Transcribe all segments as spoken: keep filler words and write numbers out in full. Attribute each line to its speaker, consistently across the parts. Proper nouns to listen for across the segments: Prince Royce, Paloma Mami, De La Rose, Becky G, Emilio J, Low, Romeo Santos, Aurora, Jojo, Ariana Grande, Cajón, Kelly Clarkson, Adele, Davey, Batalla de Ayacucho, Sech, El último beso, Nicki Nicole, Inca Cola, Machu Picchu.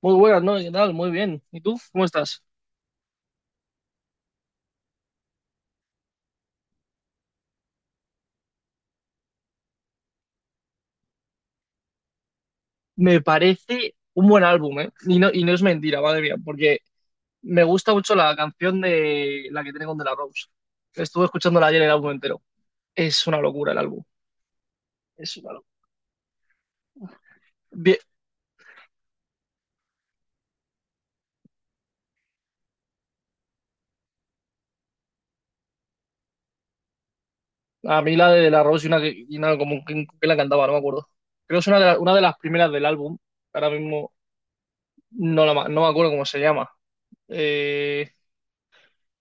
Speaker 1: Muy buenas, ¿no? ¿Qué tal? Muy bien. ¿Y tú? ¿Cómo estás? Me parece un buen álbum, ¿eh? Y no, y no es mentira, madre mía, porque me gusta mucho la canción de la que tiene con De La Rose. Estuve escuchándola ayer el álbum entero. Es una locura el álbum. Es una locura. Bien. A mí la de De La Rose y una, que- y una como que, que la cantaba, no me acuerdo. Creo que es una de, la- una de las primeras del álbum. Ahora mismo no, la ma- no me acuerdo cómo se llama. Eh,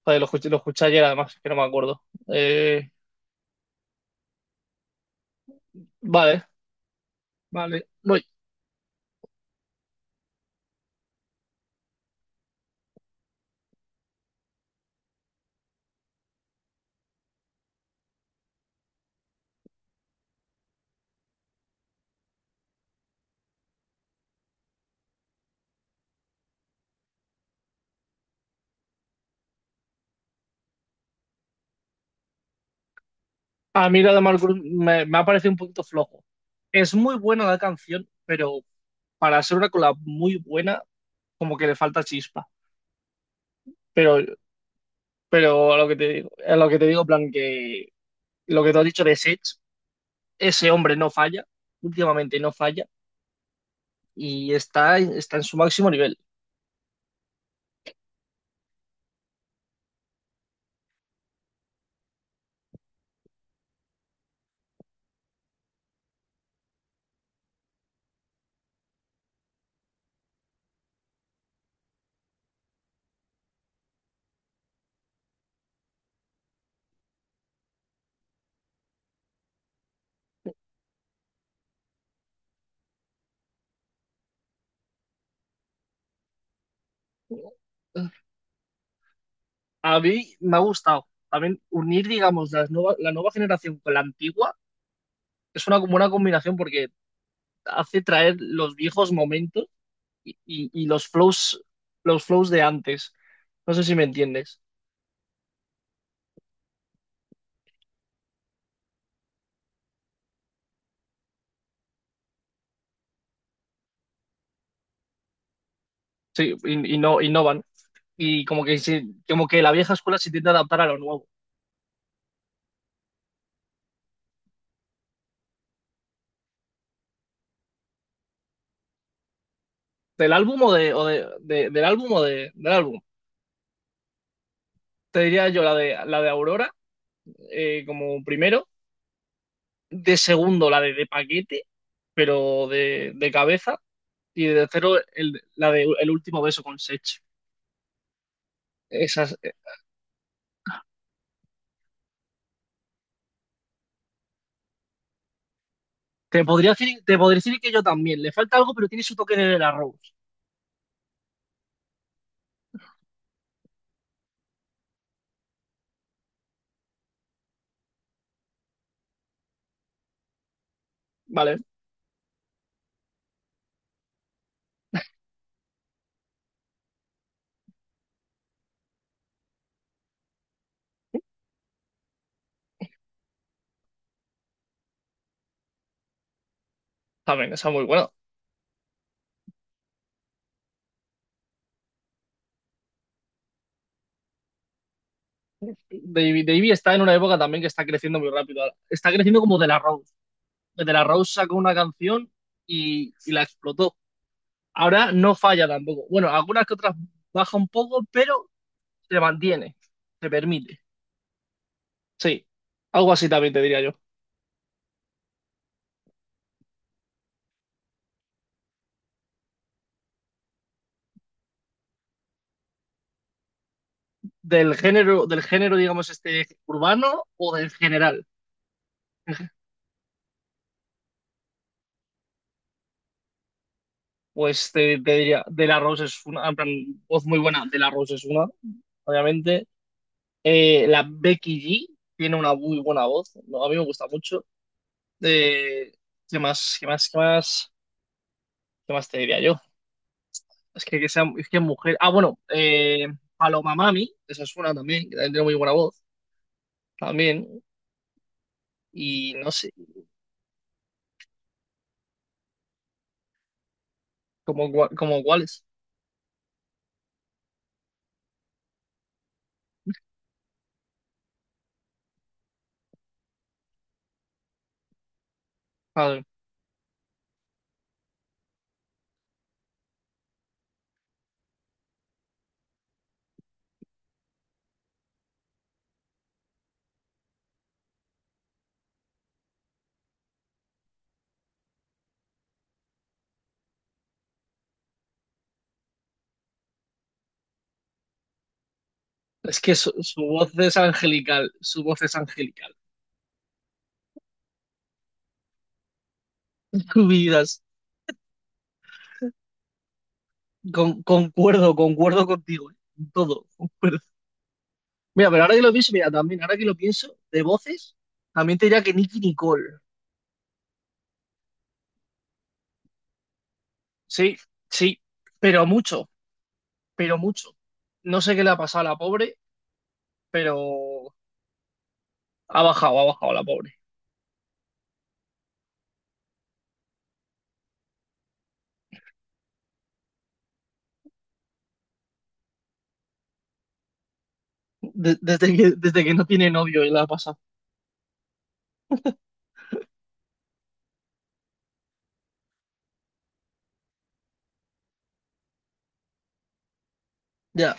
Speaker 1: Joder, lo escuché, lo escuché ayer además, que no me acuerdo. Eh, vale, vale. No, a mí la de Marcus me, me ha parecido un poquito flojo. Es muy buena la canción, pero para ser una collab muy buena, como que le falta chispa. Pero, pero a lo que te digo, a lo que te digo, en plan, que lo que te has dicho de Sech, ese hombre no falla, últimamente no falla, y está, está en su máximo nivel. A mí me ha gustado. También unir, digamos, las nueva- la nueva generación con la antigua es una buena combinación porque hace traer los viejos momentos y, y- y los flows, los flows de antes. No sé si me entiendes. Sí, y, y no innovan. Y como que sí- Como que la vieja escuela se intenta adaptar a lo nuevo. Del álbum o de, o de- de- del álbum o de, del álbum. Te diría yo la de la de Aurora, eh, como primero. De segundo, la de, de paquete, pero de, de cabeza. Y de tercero, el- la de El último beso con Sech. Esas. Eh, Te podría decir, te podría decir que yo también. Le falta algo, pero tiene su toque de la Rose. Vale, también, esa es muy buena. Davey, Davey está en una época también que está creciendo muy rápido. Está creciendo como De La Rose. De La Rose sacó una canción y, y la explotó. Ahora no falla tampoco. Bueno, algunas que otras baja un poco, pero se mantiene, se permite. Sí, algo así también te diría yo. Del género, del género, digamos, este urbano o del general. Pues te, te diría, De La Rose es una, en plan, voz muy buena. De La Rose es una, obviamente. Eh, la Becky G tiene una muy buena voz. No, a mí me gusta mucho. Eh, ¿qué más? ¿Qué más? ¿Qué más? ¿Qué más te diría yo? Es que, que sea, es que mujer. Ah, bueno, eh, Paloma Mami, esa es una también, que también tiene muy buena voz, también. Y no sé, como, gua- como cuáles. Ah, es que su, su voz es angelical, su voz es angelical. Su con, concuerdo, concuerdo contigo, eh, en todo, concuerdo. Mira, pero ahora que lo pienso, mira, también, ahora que lo pienso, de voces, también te diría que Nicki Nicole. Sí, sí, pero mucho, pero mucho. No sé qué le ha pasado a la pobre, pero ha bajado, ha bajado la pobre. De- desde que, desde que no tiene novio y la ha pasado. Ya.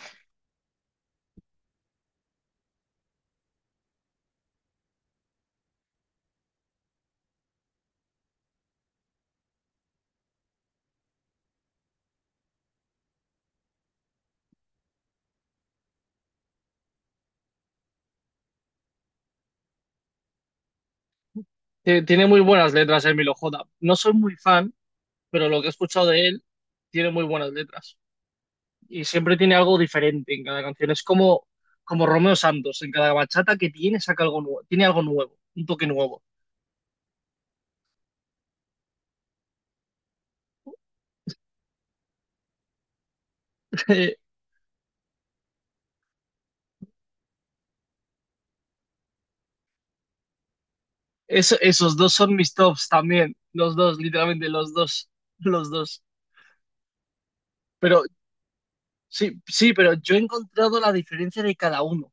Speaker 1: T- Tiene muy buenas letras Emilio J. No soy muy fan, pero lo que he escuchado de él tiene muy buenas letras. Y siempre tiene algo diferente en cada canción. Es como, como Romeo Santos. En cada bachata que tiene saca algo nuevo. Tiene algo nuevo, un toque nuevo. Eso- esos dos son mis tops también. Los dos, literalmente, los dos. Los dos. Pero sí, sí, pero yo he encontrado la diferencia de cada uno,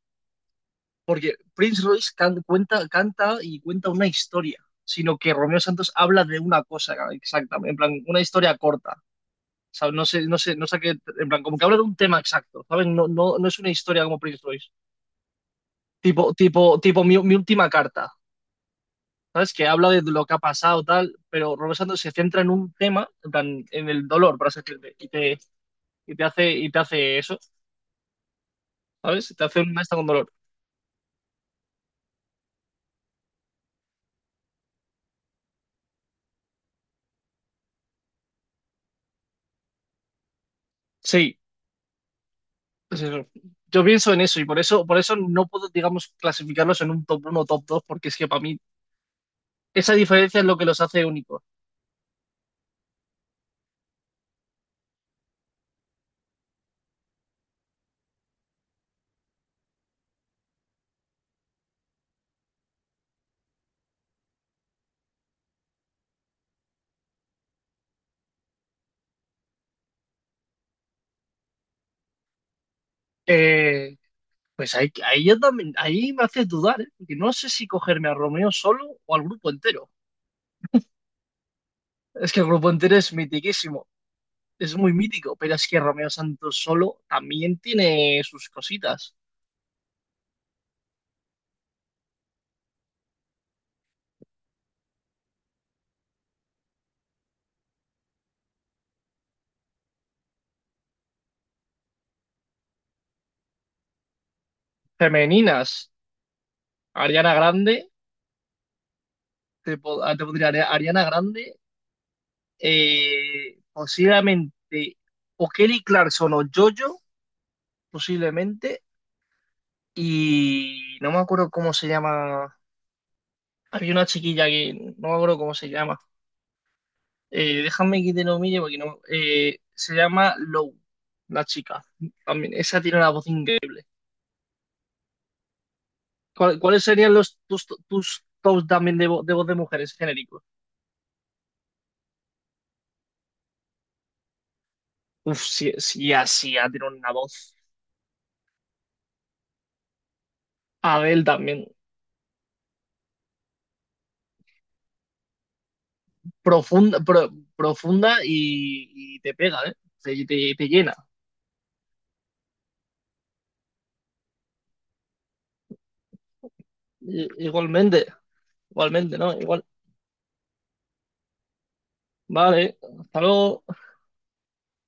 Speaker 1: porque Prince Royce can- cuenta, canta y cuenta una historia, sino que Romeo Santos habla de una cosa exactamente, en plan, una historia corta, ¿sabes? No sé, no sé, no sé qué, en plan, como que habla de un tema exacto, ¿sabes? No, no, no es una historia como Prince Royce, tipo, tipo, tipo mi, mi última carta, ¿sabes? Que habla de lo que ha pasado, tal, pero Romeo Santos se centra en un tema, en plan, en el dolor, por así decirlo, y te, y te hace, y te hace eso, ¿sabes? Te hace una maestra con dolor. Sí, pues eso. Yo pienso en eso y por eso, por eso no puedo, digamos, clasificarlos en un top uno o top dos porque es que para mí esa diferencia es lo que los hace únicos. Eh, pues ahí, ahí, yo también, ahí me hace dudar, ¿eh? Porque no sé si cogerme a Romeo solo o al grupo entero. Es que el grupo entero es mitiquísimo, es muy mítico, pero es que Romeo Santos solo también tiene sus cositas femeninas. Ariana Grande, te, po- te podría Ariana Grande eh, posiblemente o Kelly Clarkson o Jojo, posiblemente, y no me acuerdo cómo se llama. Había una chiquilla que no me acuerdo cómo se llama. Eh, déjame que te lo mire porque no. Eh, se llama Low, la chica. También, esa tiene una voz increíble. ¿Cuál- ¿Cuáles serían los tus, tus tops también de, vo- de voz de mujeres genéricos? Uf, sí, sí, así, tiene una voz. Adele también. Profunda, pro- profunda y, y te pega, ¿eh? Te, te- te llena. I- Igualmente, igualmente, ¿no? Igual. Vale, hasta luego.